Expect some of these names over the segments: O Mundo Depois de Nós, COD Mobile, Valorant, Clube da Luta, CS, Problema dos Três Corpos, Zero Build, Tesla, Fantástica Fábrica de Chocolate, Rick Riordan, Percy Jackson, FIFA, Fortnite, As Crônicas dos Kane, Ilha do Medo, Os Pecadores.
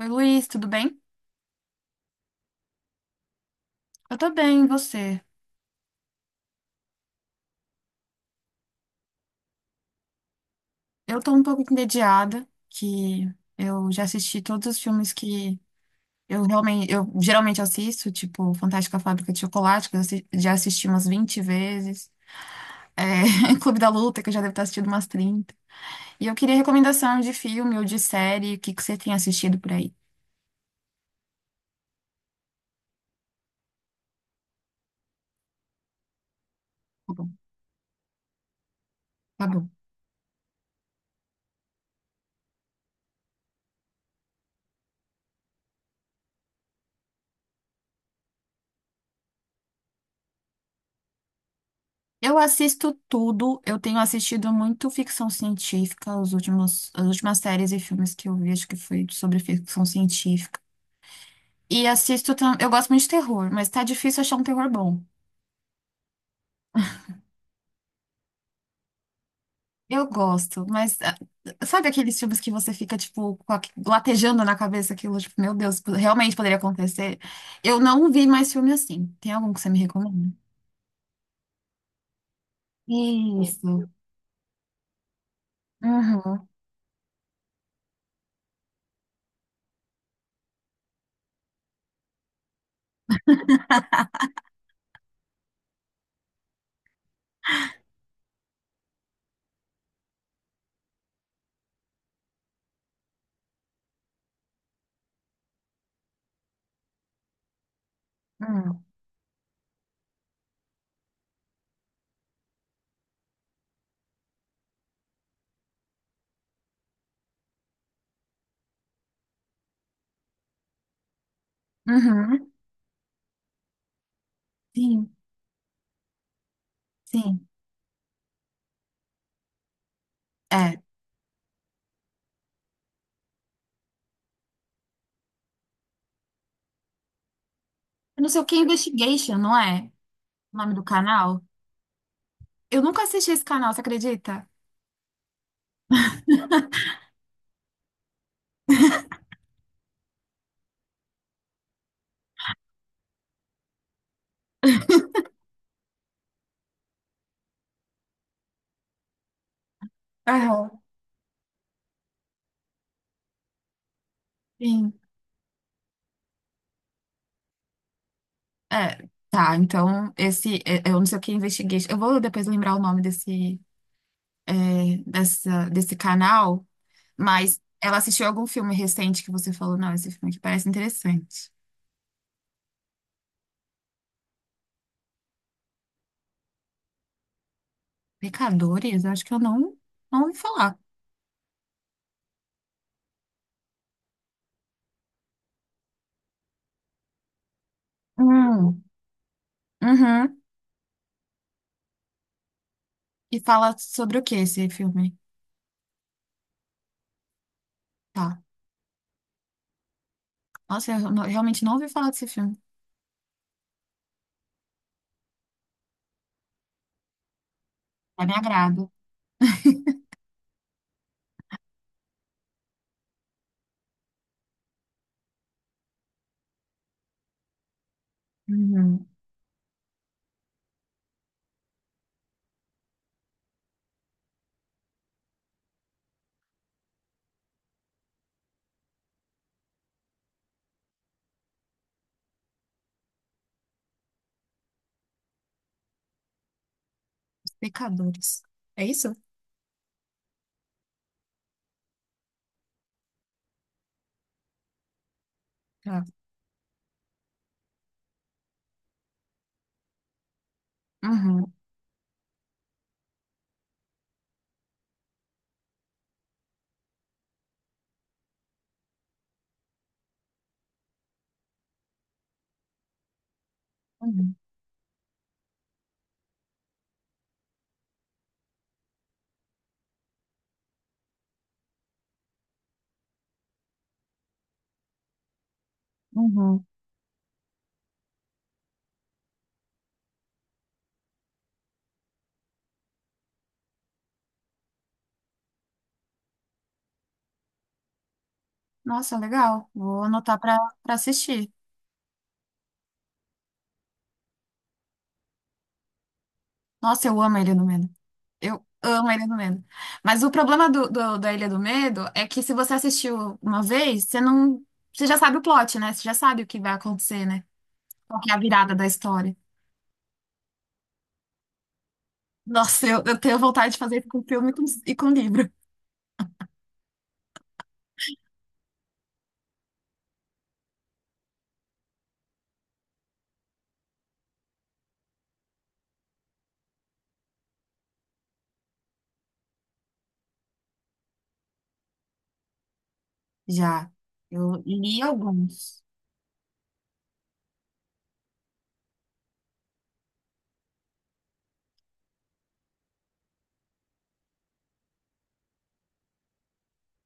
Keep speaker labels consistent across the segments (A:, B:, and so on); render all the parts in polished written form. A: Oi, Luiz, tudo bem? Eu tô bem, e você? Eu tô um pouco entediada, que eu já assisti todos os filmes que eu geralmente assisto, tipo Fantástica Fábrica de Chocolate, que já assisti umas 20 vezes, Clube da Luta, que eu já devo ter assistido umas 30. E eu queria recomendação de filme ou de série, o que que você tem assistido por aí? Tá bom, tá bom. Eu assisto tudo, eu tenho assistido muito ficção científica, as últimas séries e filmes que eu vi, acho que foi sobre ficção científica. E assisto. Eu gosto muito de terror, mas tá difícil achar um terror bom. Eu gosto, mas ah, sabe aqueles filmes que você fica, tipo, com latejando na cabeça aquilo, tipo, meu Deus, realmente poderia acontecer? Eu não vi mais filme assim. Tem algum que você me recomenda? Isso. Uhum. Uhum. Uhum. Sim, sim. É. Eu não sei o que, é Investigation, não é? O nome do canal? Eu nunca assisti esse canal, você acredita? Aham. Sim. É, tá, então esse, eu não sei o que investiguei. Eu vou depois lembrar o nome desse, desse canal, mas ela assistiu algum filme recente que você falou, não, esse filme aqui parece interessante. Pecadores? Eu acho que eu não, não ouvi falar. Hum, uhum. E fala sobre o que esse filme? Tá. Nossa, eu não- realmente não ouvi falar desse filme. É me agrado. Uhum. Os Pecadores. É isso? Tá. Uhum. Uhum. Uhum. Nossa, legal. Vou anotar pra para assistir. Nossa, eu amo a Ilha do Medo. Eu amo a Ilha do Medo. Mas o problema da Ilha do Medo é que se você assistiu uma vez, você não, você já sabe o plot, né? Você já sabe o que vai acontecer, né? Qual que é a virada da história. Nossa, eu tenho vontade de fazer isso com filme e com, livro. Já. Eu li alguns.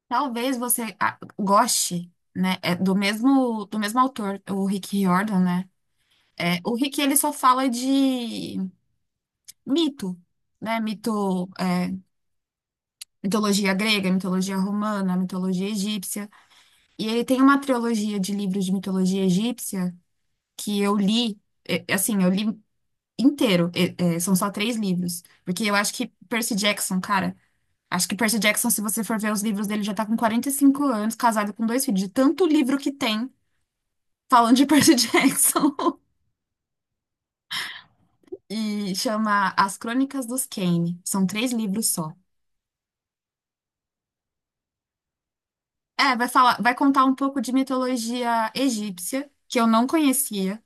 A: Talvez você goste, né? É do mesmo autor, o Rick Riordan, né? É, o Rick, ele só fala de mito, né? Mito, mitologia grega, mitologia romana, mitologia egípcia. E ele tem uma trilogia de livros de mitologia egípcia que eu li, é, assim, eu li inteiro. São só três livros. Porque eu acho que Percy Jackson, cara, acho que Percy Jackson, se você for ver os livros dele, já tá com 45 anos, casado com dois filhos, de tanto livro que tem falando de Percy Jackson. E chama As Crônicas dos Kane. São três livros só. É, vai contar um pouco de mitologia egípcia, que eu não conhecia.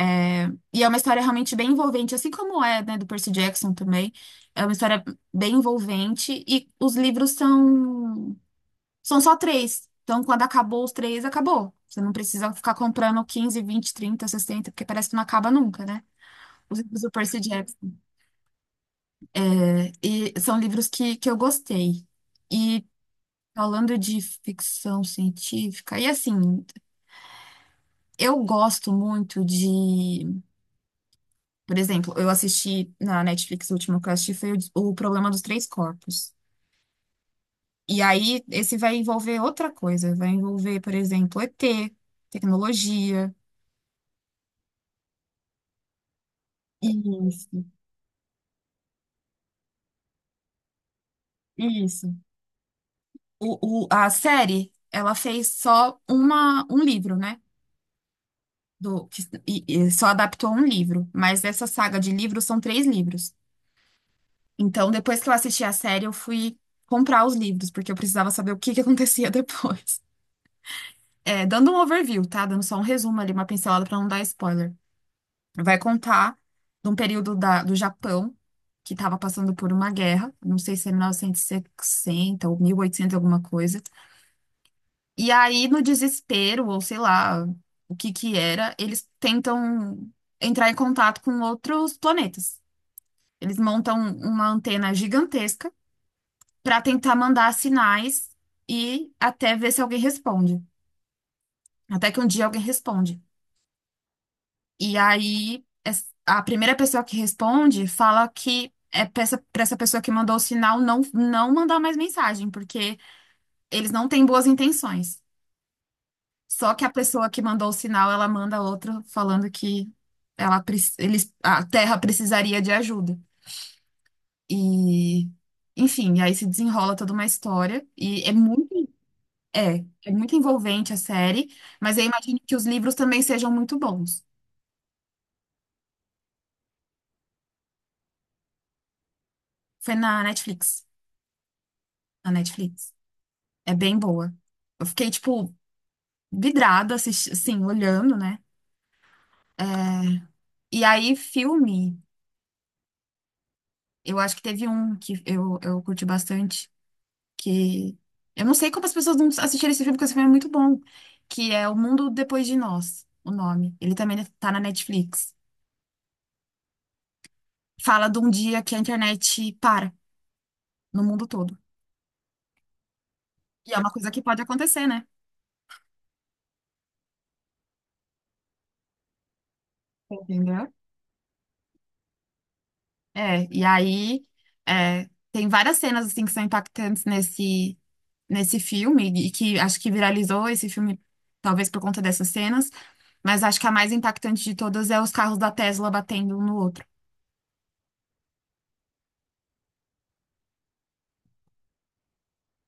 A: É, e é uma história realmente bem envolvente, assim como é, né, do Percy Jackson também. É uma história bem envolvente e os livros são só três. Então, quando acabou os três, acabou. Você não precisa ficar comprando 15, 20, 30, 60 porque parece que não acaba nunca, né? Os livros do Percy Jackson. É, e são livros que eu gostei. E falando de ficção científica, e assim, eu gosto muito de, por exemplo, eu assisti na Netflix, o último que eu assisti foi o Problema dos Três Corpos. E aí, esse vai envolver outra coisa, vai envolver, por exemplo, ET, tecnologia. Isso, isso. A série, ela fez só um livro, né? E só adaptou um livro, mas essa saga de livros são três livros. Então, depois que eu assisti a série, eu fui comprar os livros, porque eu precisava saber o que que acontecia depois. É, dando um overview, tá? Dando só um resumo ali, uma pincelada pra não dar spoiler. Vai contar de um período do Japão que estava passando por uma guerra, não sei se é 1960 ou 1800 alguma coisa. E aí, no desespero, ou sei lá o que que era, eles tentam entrar em contato com outros planetas. Eles montam uma antena gigantesca para tentar mandar sinais e até ver se alguém responde. Até que um dia alguém responde. E aí, a primeira pessoa que responde fala que é pra essa pessoa que mandou o sinal não mandar mais mensagem, porque eles não têm boas intenções. Só que a pessoa que mandou o sinal, ela manda outro falando que a Terra precisaria de ajuda. E, enfim, aí se desenrola toda uma história. É, é muito envolvente a série, mas eu imagino que os livros também sejam muito bons. Foi na Netflix. Na Netflix. É bem boa. Eu fiquei, tipo, vidrada, assisti, assim, olhando, né? É, e aí, filme, eu acho que teve um que eu curti bastante, que eu não sei como as pessoas não assistiram esse filme, porque esse filme é muito bom, que é O Mundo Depois de Nós, o nome. Ele também tá na Netflix. Fala de um dia que a internet para no mundo todo. E é uma coisa que pode acontecer, né? Entendeu? É, e aí tem várias cenas assim que são impactantes nesse filme e que acho que viralizou esse filme talvez por conta dessas cenas, mas acho que a mais impactante de todas é os carros da Tesla batendo um no outro,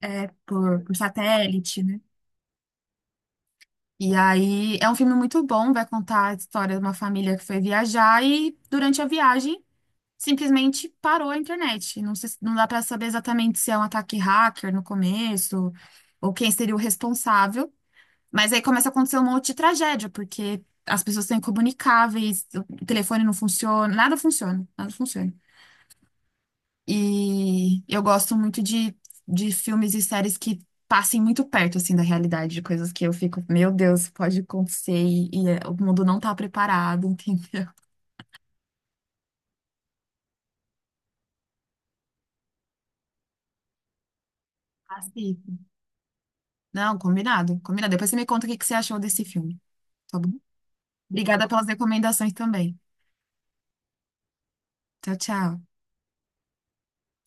A: é por satélite, né? E aí é um filme muito bom, vai contar a história de uma família que foi viajar e durante a viagem simplesmente parou a internet. Não dá para saber exatamente se é um ataque hacker no começo ou quem seria o responsável. Mas aí começa a acontecer um monte de tragédia, porque as pessoas são incomunicáveis, o telefone não funciona, nada funciona, nada funciona. E eu gosto muito de filmes e séries que passem muito perto, assim, da realidade, de coisas que eu fico, meu Deus, pode acontecer e o mundo não tá preparado, entendeu? Assim, não, combinado, combinado. Depois você me conta o que que você achou desse filme, tá bom? Obrigada pelas recomendações também. Tchau, tchau.